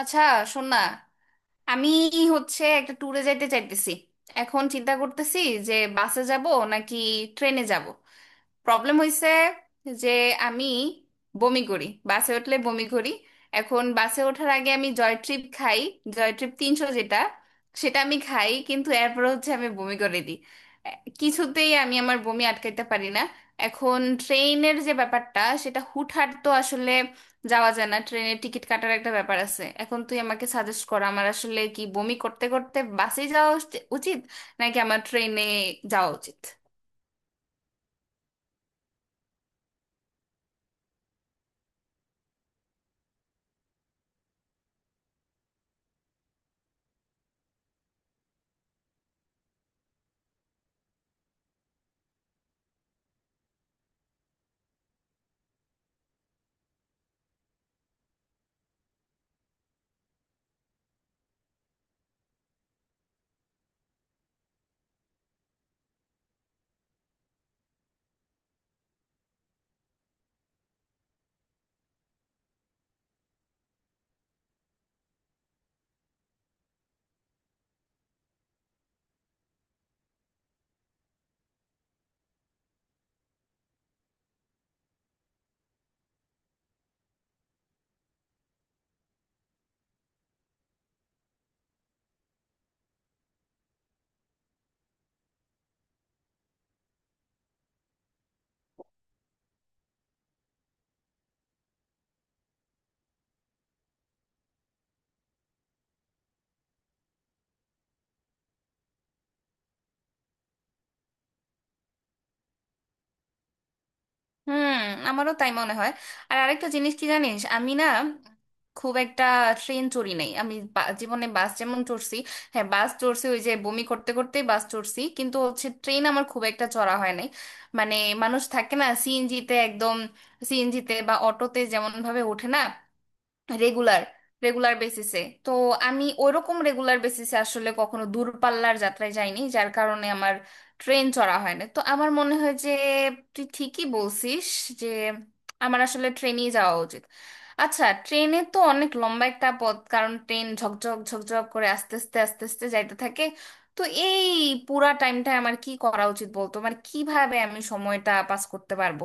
আচ্ছা, শোন না। আমি একটা ট্যুরে যাইতে চাইতেছি। এখন চিন্তা করতেছি যে বাসে যাব নাকি ট্রেনে যাব। প্রবলেম হয়েছে যে আমি বমি করি, বাসে উঠলে বমি করি। এখন বাসে ওঠার আগে আমি জয় ট্রিপ খাই, জয় ট্রিপ 300 যেটা, সেটা আমি খাই, কিন্তু এরপর আমি বমি করে দিই। এ- কিছুতেই আমি আমার বমি আটকাইতে পারি না। এখন ট্রেনের যে ব্যাপারটা, সেটা হুটহাট তো আসলে যাওয়া যায় না, ট্রেনের টিকিট কাটার একটা ব্যাপার আছে। এখন তুই আমাকে সাজেস্ট কর, আমার আসলে কি বমি করতে করতে বাসে যাওয়া উচিত, নাকি আমার ট্রেনে যাওয়া উচিত? হুম, আমারও তাই মনে হয়। আর আরেকটা জিনিস কি জানিস, আমি না খুব একটা ট্রেন চড়ি নাই। আমি জীবনে বাস যেমন চড়ছি, হ্যাঁ বাস চড়ছি, ওই যে বমি করতে করতে বাস চড়ছি, কিন্তু ট্রেন আমার খুব একটা চড়া হয় নাই। মানে মানুষ থাকে না সিএনজিতে, একদম সিএনজিতে বা অটোতে যেমন ভাবে ওঠে, না রেগুলার রেগুলার বেসিসে। তো আমি ওইরকম রেগুলার বেসিসে আসলে কখনো দূরপাল্লার যাত্রায় যাইনি, যার কারণে আমার ট্রেন চড়া হয় না। তো আমার মনে হয় যে তুই ঠিকই বলছিস যে আমার আসলে ট্রেনেই যাওয়া উচিত। আচ্ছা, ট্রেনে তো অনেক লম্বা একটা পথ, কারণ ট্রেন ঝকঝক ঝকঝক করে আস্তে আস্তে আস্তে আস্তে যাইতে থাকে। তো এই পুরা টাইমটা আমার কি করা উচিত বলতো? মানে কিভাবে আমি সময়টা পাস করতে পারবো?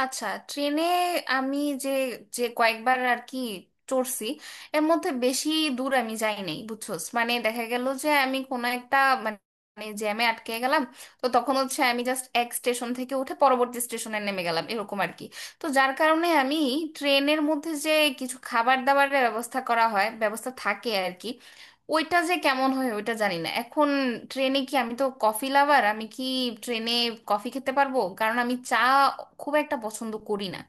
আচ্ছা, ট্রেনে আমি যে যে কয়েকবার আর কি চড়ছি, এর মধ্যে বেশি দূর আমি যাই নাই বুঝছোস। মানে দেখা গেল যে আমি কোনো একটা মানে জ্যামে আটকে গেলাম, তো তখন আমি জাস্ট এক স্টেশন থেকে উঠে পরবর্তী স্টেশনে নেমে গেলাম, এরকম আর কি। তো যার কারণে আমি ট্রেনের মধ্যে যে কিছু খাবার দাবারের ব্যবস্থা করা হয়, ব্যবস্থা থাকে আর কি, ওইটা যে কেমন হয় ওইটা জানি না। এখন ট্রেনে কি, আমি তো কফি লাভার, আমি কি ট্রেনে কফি খেতে পারবো? কারণ আমি চা খুব একটা পছন্দ করি না।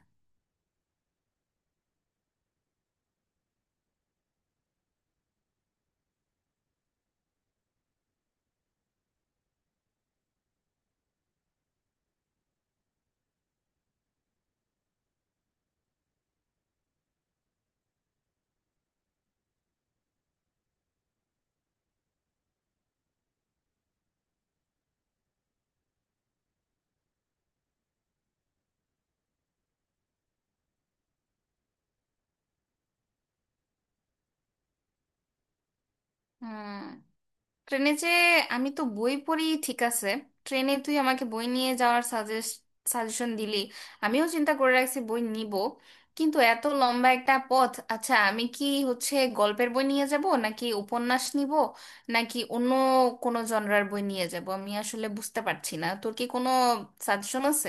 হুম, ট্রেনে যে আমি তো বই পড়ি, ঠিক আছে, ট্রেনে তুই আমাকে বই নিয়ে যাওয়ার সাজেশন দিলি, আমিও চিন্তা করে রাখছি বই নিব। কিন্তু এত লম্বা একটা পথ, আচ্ছা আমি কি গল্পের বই নিয়ে যাব, নাকি উপন্যাস নিব, নাকি অন্য কোনো জনরার বই নিয়ে যাব? আমি আসলে বুঝতে পারছি না, তোর কি কোনো সাজেশন আছে?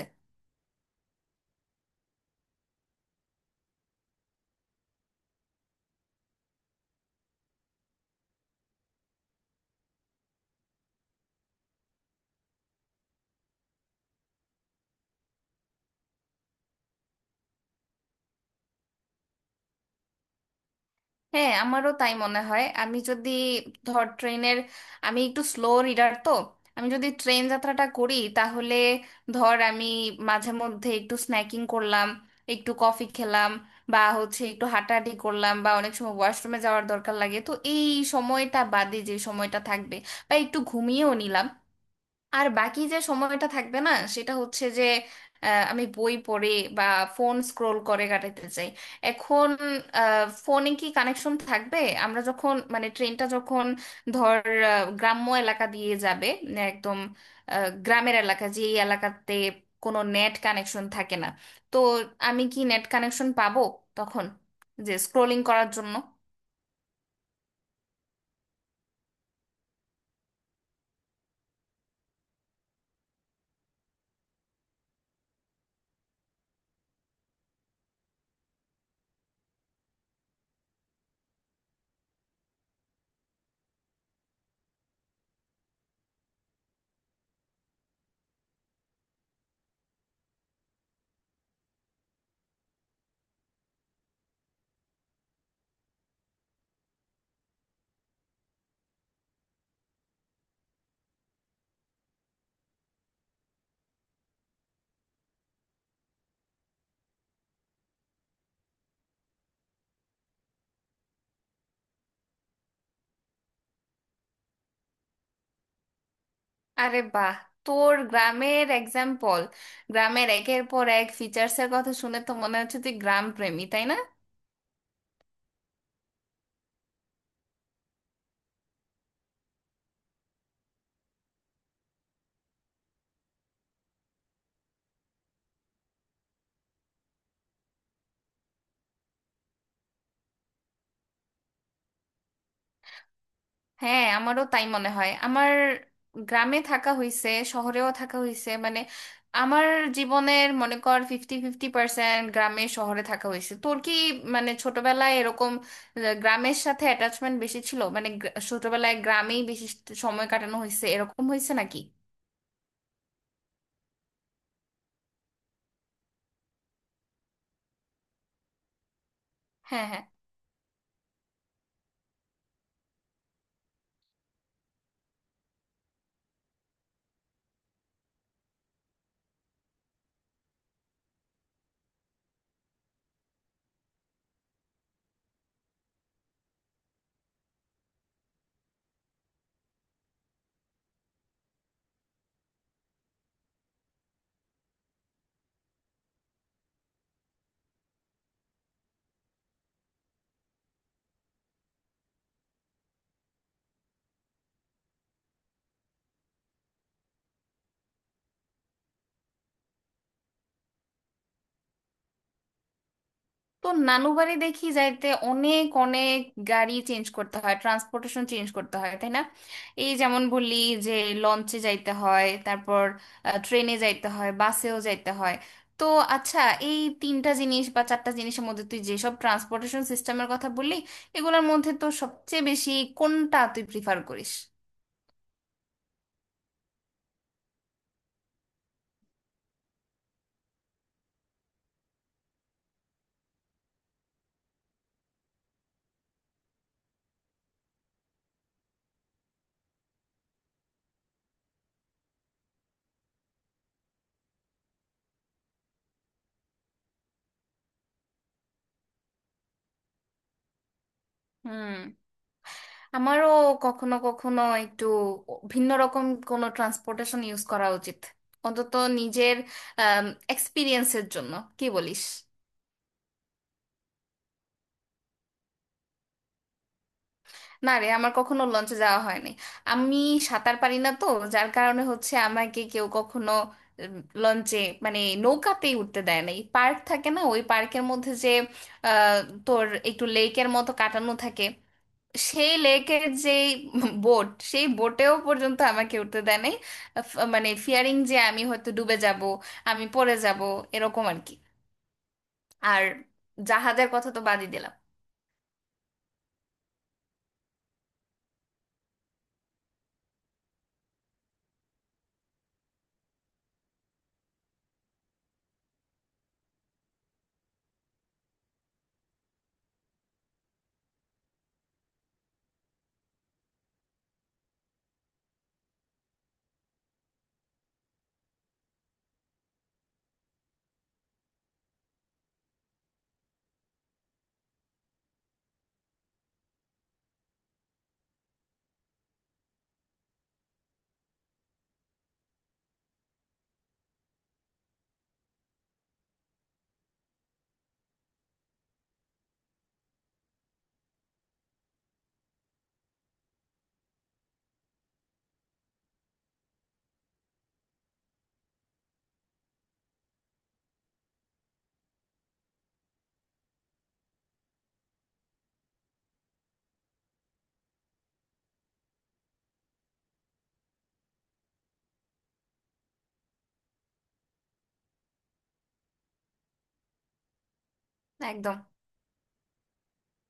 হ্যাঁ, আমারও তাই মনে হয়। আমি যদি ধর ট্রেনের, আমি একটু স্লো রিডার তো, আমি যদি ট্রেন যাত্রাটা করি, তাহলে ধর আমি মাঝে মধ্যে একটু স্ন্যাকিং করলাম, একটু কফি খেলাম, বা একটু হাঁটাহাঁটি করলাম, বা অনেক সময় ওয়াশরুমে যাওয়ার দরকার লাগে, তো এই সময়টা বাদে যে সময়টা থাকবে, বা একটু ঘুমিয়েও নিলাম, আর বাকি যে সময়টা থাকবে না, সেটা হচ্ছে যে, আমি বই পড়ে বা ফোন স্ক্রোল করে কাটাতে চাই। এখন ফোনে কি কানেকশন থাকবে? আমরা যখন, মানে ট্রেনটা যখন ধর গ্রাম্য এলাকা দিয়ে যাবে, মানে একদম গ্রামের এলাকা, যে এই এলাকাতে কোনো নেট কানেকশন থাকে না, তো আমি কি নেট কানেকশন পাবো তখন, যে স্ক্রোলিং করার জন্য? আরে বাহ, তোর গ্রামের এক্সাম্পল, গ্রামের একের পর এক ফিচার্স এর কথা শুনে তো মনে হচ্ছে তুই গ্রাম প্রেমী, তাই না? হ্যাঁ, আমারও তাই মনে হয়। আমার গ্রামে থাকা হইছে, শহরেও থাকা হইছে, মানে আমার জীবনের মনে কর ফিফটি ফিফটি পার্সেন্ট গ্রামে শহরে থাকা হয়েছে। তোর কি মানে ছোটবেলায় এরকম গ্রামের সাথে অ্যাটাচমেন্ট বেশি ছিল, মানে ছোটবেলায় গ্রামেই বেশি সময় কাটানো হয়েছে, এরকম হয়েছে নাকি? হ্যাঁ, হ্যাঁ। তো নানু বাড়ি দেখি যাইতে অনেক অনেক গাড়ি চেঞ্জ করতে হয়, ট্রান্সপোর্টেশন চেঞ্জ করতে হয়, তাই না? এই যেমন বললি যে লঞ্চে যাইতে হয়, তারপর ট্রেনে যাইতে হয়, বাসেও যাইতে হয়। তো আচ্ছা, এই তিনটা জিনিস বা চারটা জিনিসের মধ্যে, তুই যেসব ট্রান্সপোর্টেশন সিস্টেমের কথা বললি, এগুলোর মধ্যে তো সবচেয়ে বেশি কোনটা তুই প্রিফার করিস? হুম, আমারও কখনো কখনো একটু ভিন্ন রকম কোনো ট্রান্সপোর্টেশন ইউজ করা উচিত, অন্তত নিজের এক্সপিরিয়েন্সের জন্য, কি বলিস? না রে, আমার কখনো লঞ্চে যাওয়া হয়নি। আমি সাঁতার পারি না তো, যার কারণে আমাকে কেউ কখনো লঞ্চে, মানে নৌকাতেই উঠতে দেয় নাই। পার্ক থাকে না, ওই পার্কের মধ্যে যে আহ, তোর একটু লেকের মতো কাটানো থাকে, সেই লেকের যেই বোট, সেই বোটেও পর্যন্ত আমাকে উঠতে দেয় নাই। আহ, মানে ফিয়ারিং, যে আমি হয়তো ডুবে যাব, আমি পড়ে যাব, এরকম আর কি। আর জাহাজের কথা তো বাদই দিলাম। একদম।